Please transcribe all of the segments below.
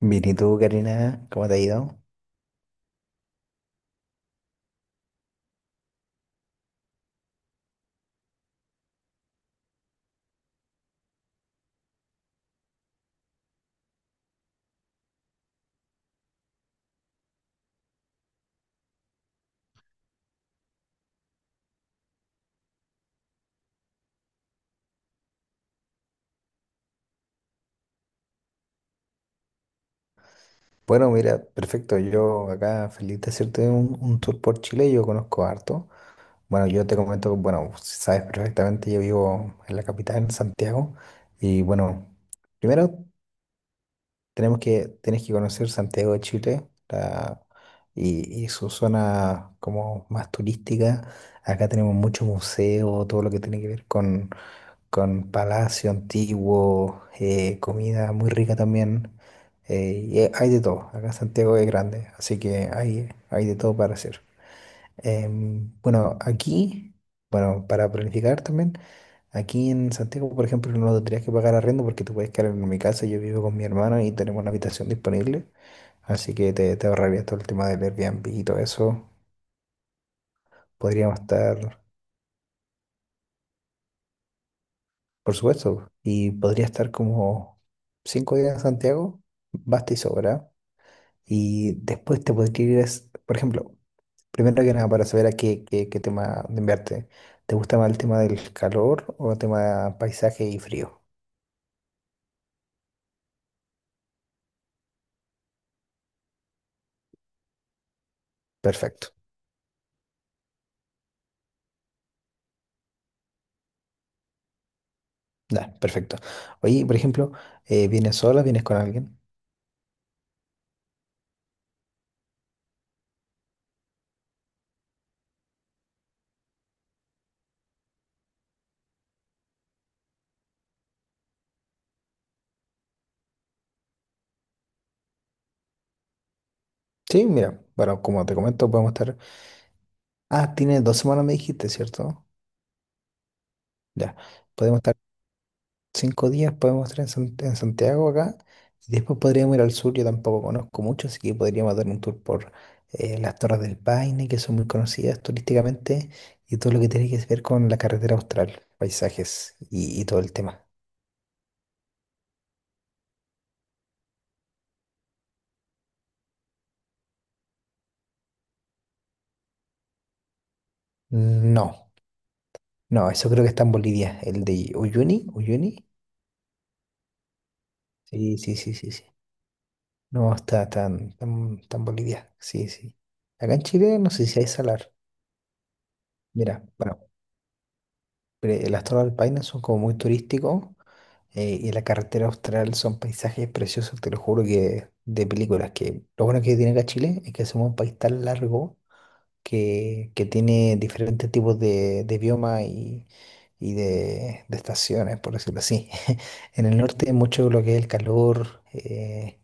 Bien, ¿y tú, Karina? ¿Cómo te ha ido? Bueno, mira, perfecto. Yo acá feliz de hacerte un tour por Chile. Yo conozco harto. Bueno, yo te comento, bueno, sabes perfectamente, yo vivo en la capital, en Santiago. Y bueno, primero tienes que conocer Santiago de Chile y su zona como más turística. Acá tenemos muchos museos, todo lo que tiene que ver con palacio antiguo, comida muy rica también. Y hay de todo. Acá Santiago es grande, así que hay de todo para hacer. Bueno, aquí, bueno, para planificar también, aquí en Santiago, por ejemplo, no tendrías que pagar arriendo porque tú puedes quedar en mi casa. Yo vivo con mi hermano y tenemos una habitación disponible, así que te ahorrarías todo el tema del Airbnb y todo eso. Podríamos estar. Por supuesto, y podría estar como 5 días en Santiago, basta y sobra. Y después te podría ir, por ejemplo, primero que nada, para saber a qué tema de enviarte. ¿Te gusta más el tema del calor o el tema paisaje y frío? Perfecto, ya, perfecto. Oye, por ejemplo, ¿vienes sola? ¿Vienes con alguien? Sí, mira, bueno, como te comento, podemos estar. Ah, tienes 2 semanas, me dijiste, ¿cierto? Ya, podemos estar. 5 días podemos estar en Santiago acá y después podríamos ir al sur. Yo tampoco conozco mucho, así que podríamos dar un tour por las Torres del Paine, que son muy conocidas turísticamente, y todo lo que tiene que ver con la carretera austral, paisajes y todo el tema. No, no, eso creo que está en Bolivia, el de Uyuni, Uyuni. Sí, sí, sí, sí, sí. No, está tan, tan, tan Bolivia, sí, sí. Acá en Chile no sé si hay salar. Mira, bueno. Las Torres del Paine son como muy turísticos, y la carretera austral son paisajes preciosos, te lo juro que de películas. Que lo bueno que tiene acá Chile es que somos un país tan largo que tiene diferentes tipos de bioma y de estaciones, por decirlo así. En el norte mucho lo que es el calor,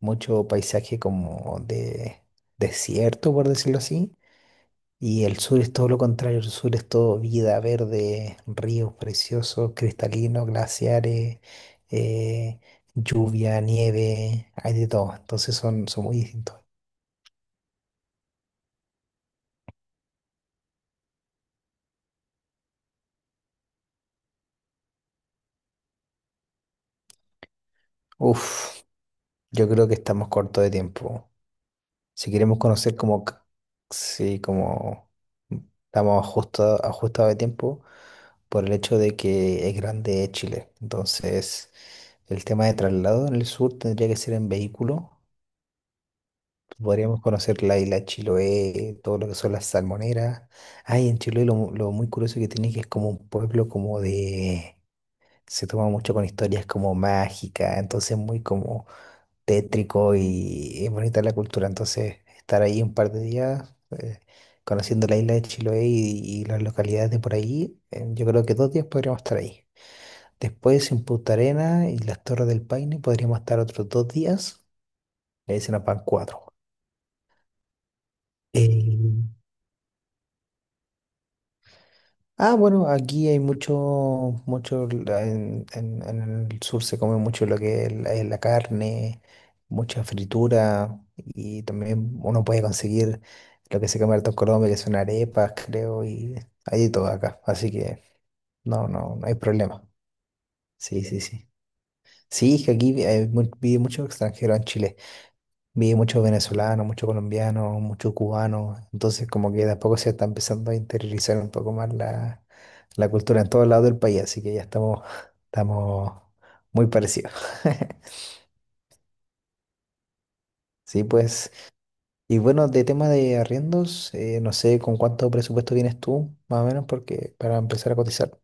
mucho paisaje como de desierto, por decirlo así. Y el sur es todo lo contrario, el sur es todo vida, verde, ríos preciosos, cristalinos, glaciares, eh, lluvia, nieve, hay de todo. Entonces son muy distintos. Uf, yo creo que estamos cortos de tiempo. Si queremos conocer sí, como estamos ajustados de tiempo por el hecho de que es grande Chile. Entonces, el tema de traslado en el sur tendría que ser en vehículo. Podríamos conocer la isla Chiloé, todo lo que son las salmoneras. Ay, en Chiloé lo muy curioso que tiene es que es como un pueblo como de. Se toma mucho con historias como mágicas, entonces muy como tétrico y es bonita la cultura. Entonces estar ahí un par de días, conociendo la isla de Chiloé y las localidades de por ahí, yo creo que 2 días podríamos estar ahí. Después en Punta Arenas y las Torres del Paine podríamos estar otros 2 días, le dicen a pan cuatro. Eh, Ah, bueno, aquí hay mucho, mucho, en el sur se come mucho lo que es es la carne, mucha fritura y también uno puede conseguir lo que se come harto en Colombia, que son arepas, creo, y hay de todo acá, así que no, no, no hay problema. Sí, sí, sí. Sí, es que aquí hay vive mucho extranjero en Chile. Vi muchos venezolanos, muchos colombianos, muchos cubanos, entonces como que de a poco se está empezando a interiorizar un poco más la cultura en todos lados del país, así que ya estamos, estamos muy parecidos. Sí, pues, y bueno, de tema de arriendos, no sé con cuánto presupuesto vienes tú, más o menos, porque para empezar a cotizar.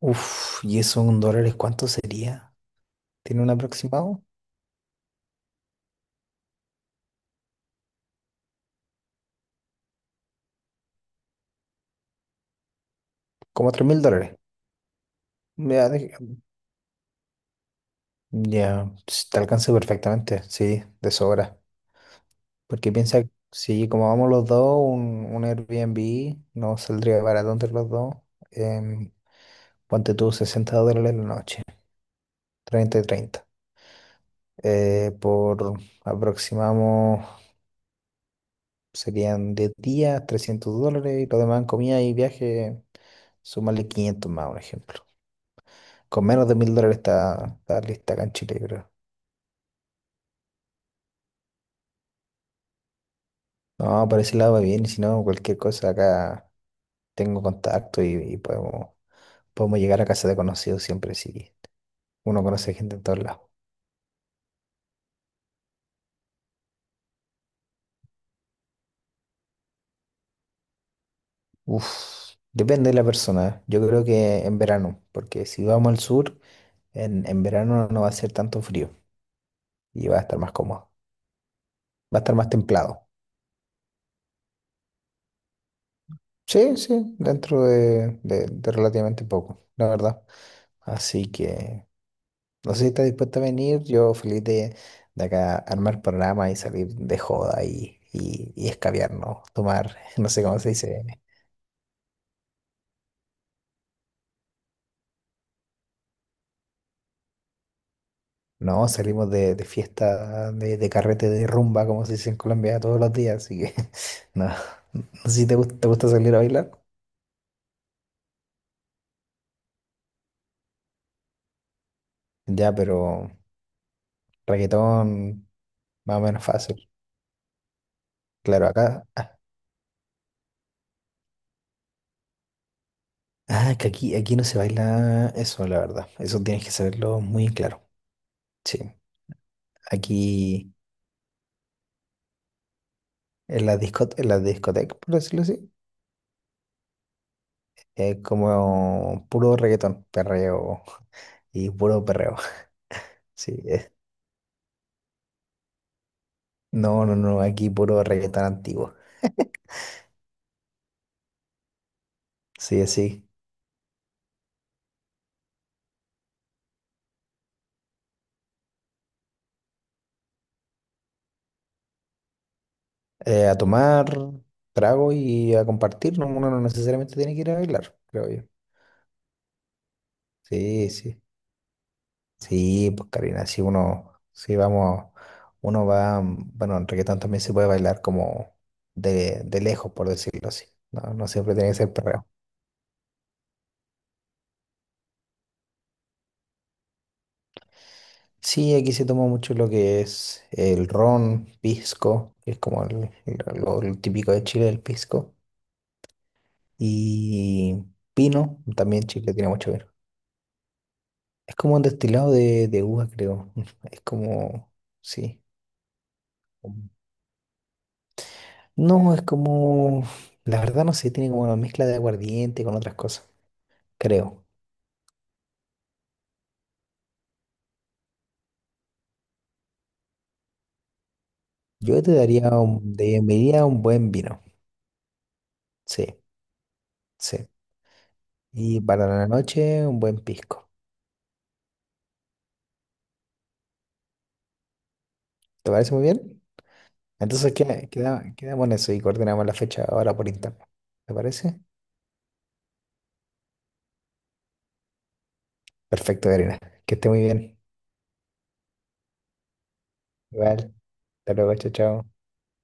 Uf, ¿y eso en dólares cuánto sería? ¿Tiene un aproximado? Como $3.000. Ya, ya, ps, te alcanza perfectamente, sí, de sobra. Porque piensa, si como vamos los dos, un Airbnb no saldría barato entre los dos. em, Ponte tú $60 la noche, 30 y 30, por aproximamos, serían 10 días, $300, y lo demás en comida y viaje, súmale 500 más, un ejemplo. Con menos de $1.000 está lista acá en Chile, creo. No, por ese lado va bien, y si no, cualquier cosa acá tengo contacto y podemos, llegar a casa de conocidos siempre, sí. Uno conoce gente en todos lados. Uf, depende de la persona. ¿Eh? Yo creo que en verano, porque si vamos al sur, en verano no va a ser tanto frío y va a estar más cómodo. Va a estar más templado. Sí, sí, dentro de, de relativamente poco, la verdad. Así que no sé si estás dispuesto a venir. Yo feliz de, acá armar programa y salir de joda y escabiarnos, tomar, no sé cómo se dice. No, salimos de fiesta, de carrete, de rumba, como se dice en Colombia, todos los días, así que no, no sé si te gusta salir a bailar, ya, pero reggaetón más o menos fácil. Claro, acá, ah, ah, que aquí no se baila eso, la verdad, eso tienes que saberlo muy claro, sí. Aquí en la disco, en la discoteca, por decirlo así, es como puro reggaetón, perreo y puro perreo, sí. No, no, no, aquí puro reggaetón antiguo, sí, así. A tomar trago y a compartir, ¿no? Uno no necesariamente tiene que ir a bailar, creo yo. Sí, sí. Sí, pues Karina, si vamos, uno va, bueno, en reggaetón también se puede bailar como de lejos, por decirlo así. No, no siempre tiene que ser perreo. Sí, aquí se toma mucho lo que es el ron, pisco, que es como lo típico de Chile, el pisco, y pino, también Chile tiene mucho vino. Es como un destilado de uva, creo. Es como, sí. No, es como, la verdad no sé, tiene como una mezcla de aguardiente con otras cosas, creo. Yo te daría un, de- me un buen vino, sí, sí. Y para la noche, un buen pisco. ¿Te parece muy bien? Entonces queda, quedamos en eso y coordinamos la fecha ahora por internet. ¿Te parece? Perfecto, Karina. Que esté muy bien. Igual, hasta luego, chao, chao.